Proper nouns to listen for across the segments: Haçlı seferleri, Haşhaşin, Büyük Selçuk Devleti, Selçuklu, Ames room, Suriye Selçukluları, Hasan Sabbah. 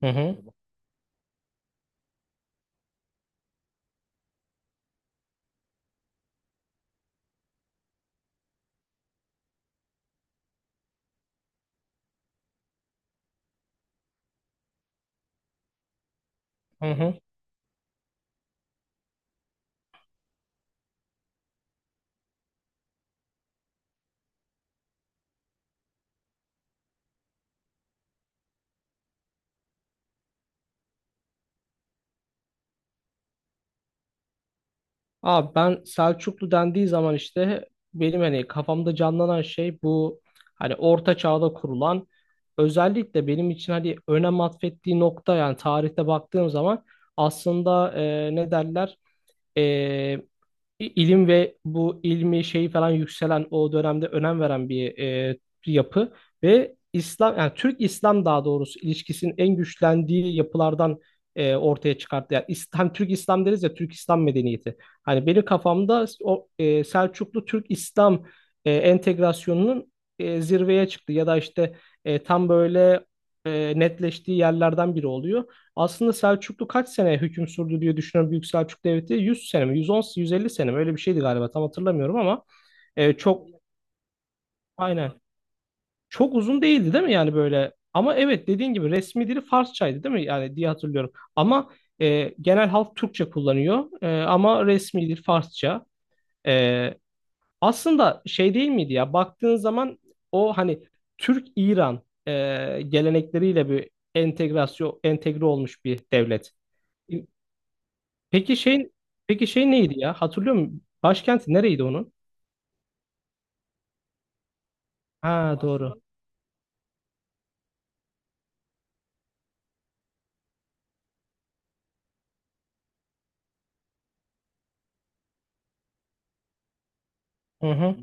Hı hı. Hı hı. Abi ben Selçuklu dendiği zaman işte benim hani kafamda canlanan şey bu, hani orta çağda kurulan, özellikle benim için hani önem atfettiği nokta, yani tarihte baktığım zaman aslında ne derler, ilim ve bu ilmi şeyi falan yükselen o dönemde önem veren bir bir yapı ve İslam, yani Türk İslam daha doğrusu ilişkisinin en güçlendiği yapılardan ortaya çıkarttı. Yani İslam, Türk İslam deriz ya, Türk İslam medeniyeti. Hani benim kafamda o Selçuklu Türk İslam entegrasyonunun zirveye çıktı ya da işte tam böyle netleştiği yerlerden biri oluyor. Aslında Selçuklu kaç sene hüküm sürdü diye düşünüyorum, Büyük Selçuk Devleti. 100 sene mi? 110, 150 sene mi? Öyle bir şeydi galiba. Tam hatırlamıyorum ama e, çok aynen. Çok uzun değildi değil mi yani böyle? Ama evet, dediğin gibi resmi dili Farsçaydı değil mi? Yani diye hatırlıyorum. Ama genel halk Türkçe kullanıyor. E, ama resmi dil Farsça. E, aslında şey değil miydi ya? Baktığın zaman o hani Türk-İran gelenekleriyle bir entegre olmuş bir devlet. Peki şey peki şey neydi ya? Hatırlıyor musun? Başkenti nereydi onun? Ha, doğru. Hı hı.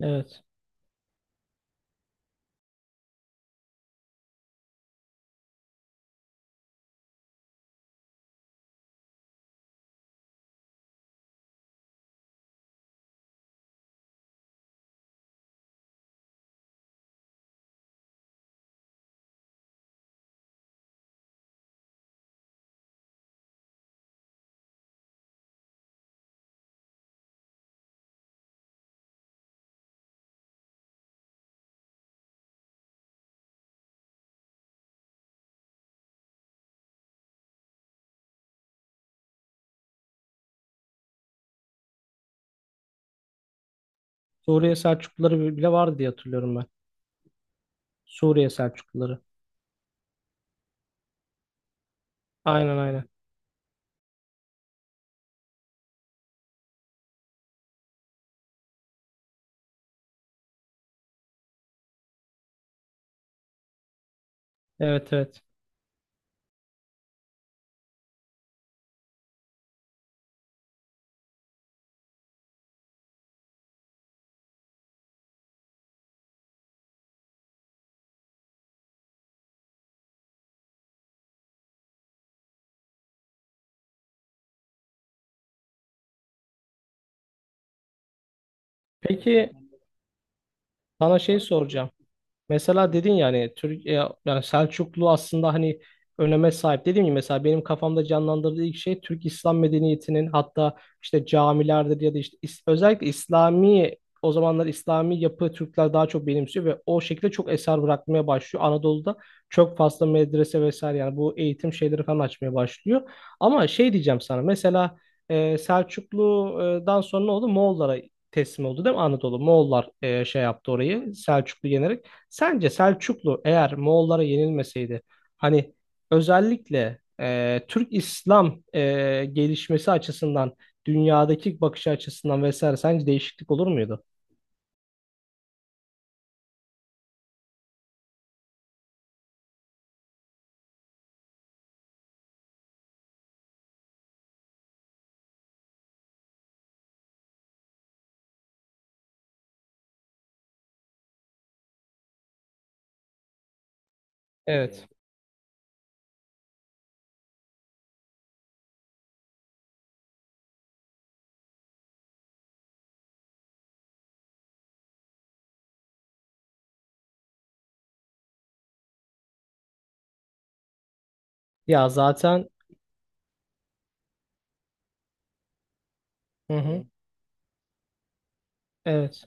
Evet. Suriye Selçukluları bile vardı diye hatırlıyorum ben. Suriye Selçukluları. Aynen, aynen. Evet, evet. Peki sana şey soracağım. Mesela dedin yani Türk, yani Selçuklu aslında hani öneme sahip. Dediğim gibi mesela benim kafamda canlandırdığı ilk şey Türk İslam medeniyetinin, hatta işte camilerdir ya da işte özellikle İslami, o zamanlar İslami yapı Türkler daha çok benimsiyor ve o şekilde çok eser bırakmaya başlıyor. Anadolu'da çok fazla medrese vesaire, yani bu eğitim şeyleri falan açmaya başlıyor. Ama şey diyeceğim sana mesela, Selçuklu'dan sonra ne oldu? Moğollara teslim oldu değil mi Anadolu? Moğollar şey yaptı orayı, Selçuklu yenerek. Sence Selçuklu eğer Moğollara yenilmeseydi, hani özellikle Türk İslam gelişmesi açısından, dünyadaki bakış açısından vesaire sence değişiklik olur muydu? Evet. Ya zaten hı hı. Evet.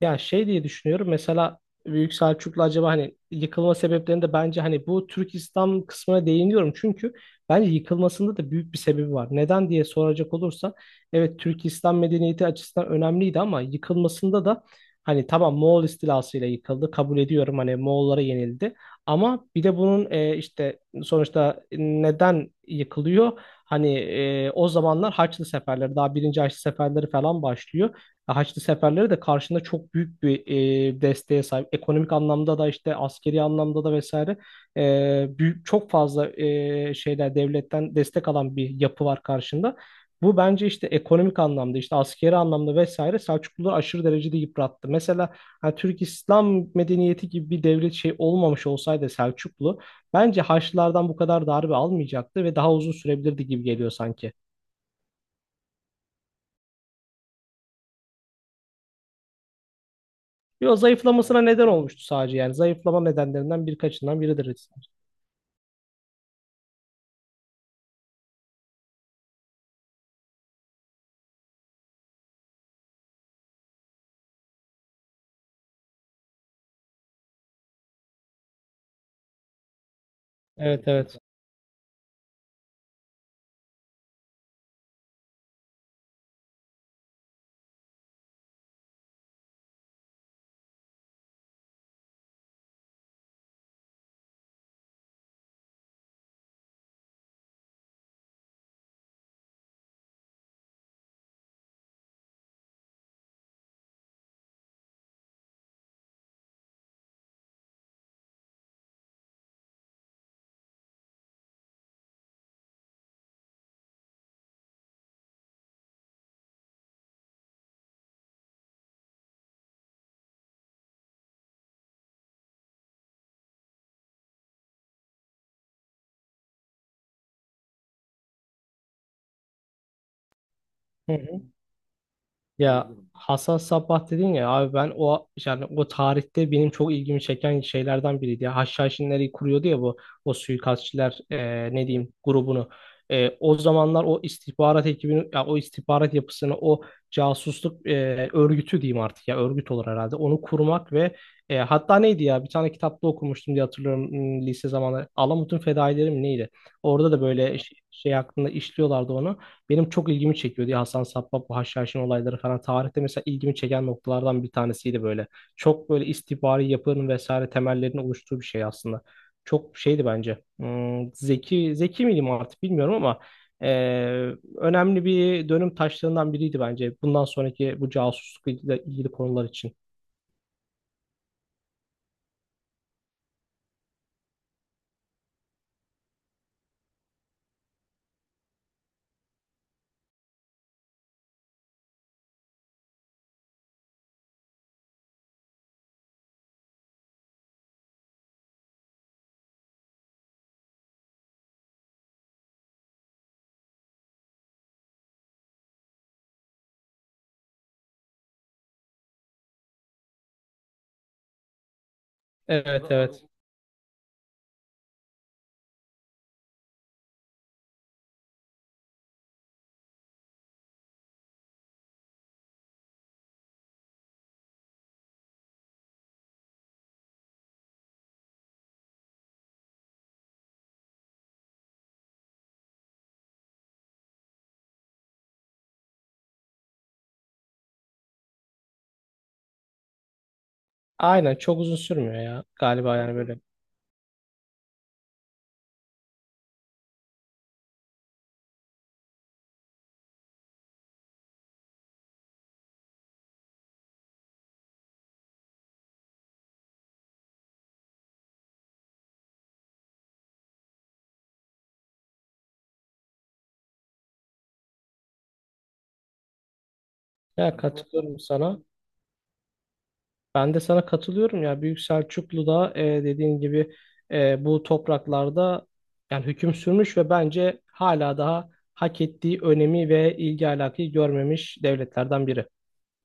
Ya şey diye düşünüyorum mesela, Büyük Selçuklu acaba hani, yıkılma sebeplerini de bence hani bu Türk İslam kısmına değiniyorum. Çünkü bence yıkılmasında da büyük bir sebebi var. Neden diye soracak olursa, evet Türk İslam medeniyeti açısından önemliydi ama yıkılmasında da hani, tamam Moğol istilasıyla yıkıldı, kabul ediyorum, hani Moğollara yenildi. Ama bir de bunun işte sonuçta neden yıkılıyor? Hani o zamanlar Haçlı seferleri, daha birinci Haçlı seferleri falan başlıyor. Haçlı seferleri de karşında çok büyük bir desteğe sahip. Ekonomik anlamda da işte, askeri anlamda da vesaire çok fazla şeyler devletten destek alan bir yapı var karşında. Bu bence işte ekonomik anlamda, işte askeri anlamda vesaire Selçukluları aşırı derecede yıprattı. Mesela hani Türk İslam medeniyeti gibi bir devlet şey olmamış olsaydı, Selçuklu bence Haçlılardan bu kadar darbe almayacaktı ve daha uzun sürebilirdi gibi geliyor sanki. Yo, zayıflamasına neden olmuştu sadece yani. Zayıflama nedenlerinden birkaçından biridir. Evet, evet. Hı hı. Ya, Hasan Sabbah dedin ya abi, ben o yani o tarihte benim çok ilgimi çeken şeylerden biriydi. Ya Haşhaşinleri kuruyordu ya bu, o suikastçiler, ne diyeyim, grubunu. E, o zamanlar o istihbarat ekibini, ya o istihbarat yapısını, o casusluk örgütü diyeyim artık, ya örgüt olur herhalde. Onu kurmak ve hatta neydi ya, bir tane kitapta okumuştum diye hatırlıyorum, hmm, lise zamanları. Alamut'un Fedaileri mi neydi? Orada da böyle şey hakkında işliyorlardı onu. Benim çok ilgimi çekiyor diye Hasan Sabbah, bu Haşhaşin olayları falan tarihte mesela ilgimi çeken noktalardan bir tanesiydi böyle. Çok böyle istihbari yapının vesaire temellerini oluşturduğu bir şey aslında. Çok şeydi bence. Hmm, zeki miydim artık bilmiyorum ama önemli bir dönüm taşlarından biriydi bence. Bundan sonraki bu casuslukla ilgili konular için. Evet, evet. Aynen, çok uzun sürmüyor ya galiba yani böyle. Ya adı, katılıyorum sana. Ben de sana katılıyorum ya. Büyük Selçuklu'da dediğin gibi bu topraklarda yani hüküm sürmüş ve bence hala daha hak ettiği önemi ve ilgi alakayı görmemiş devletlerden biri.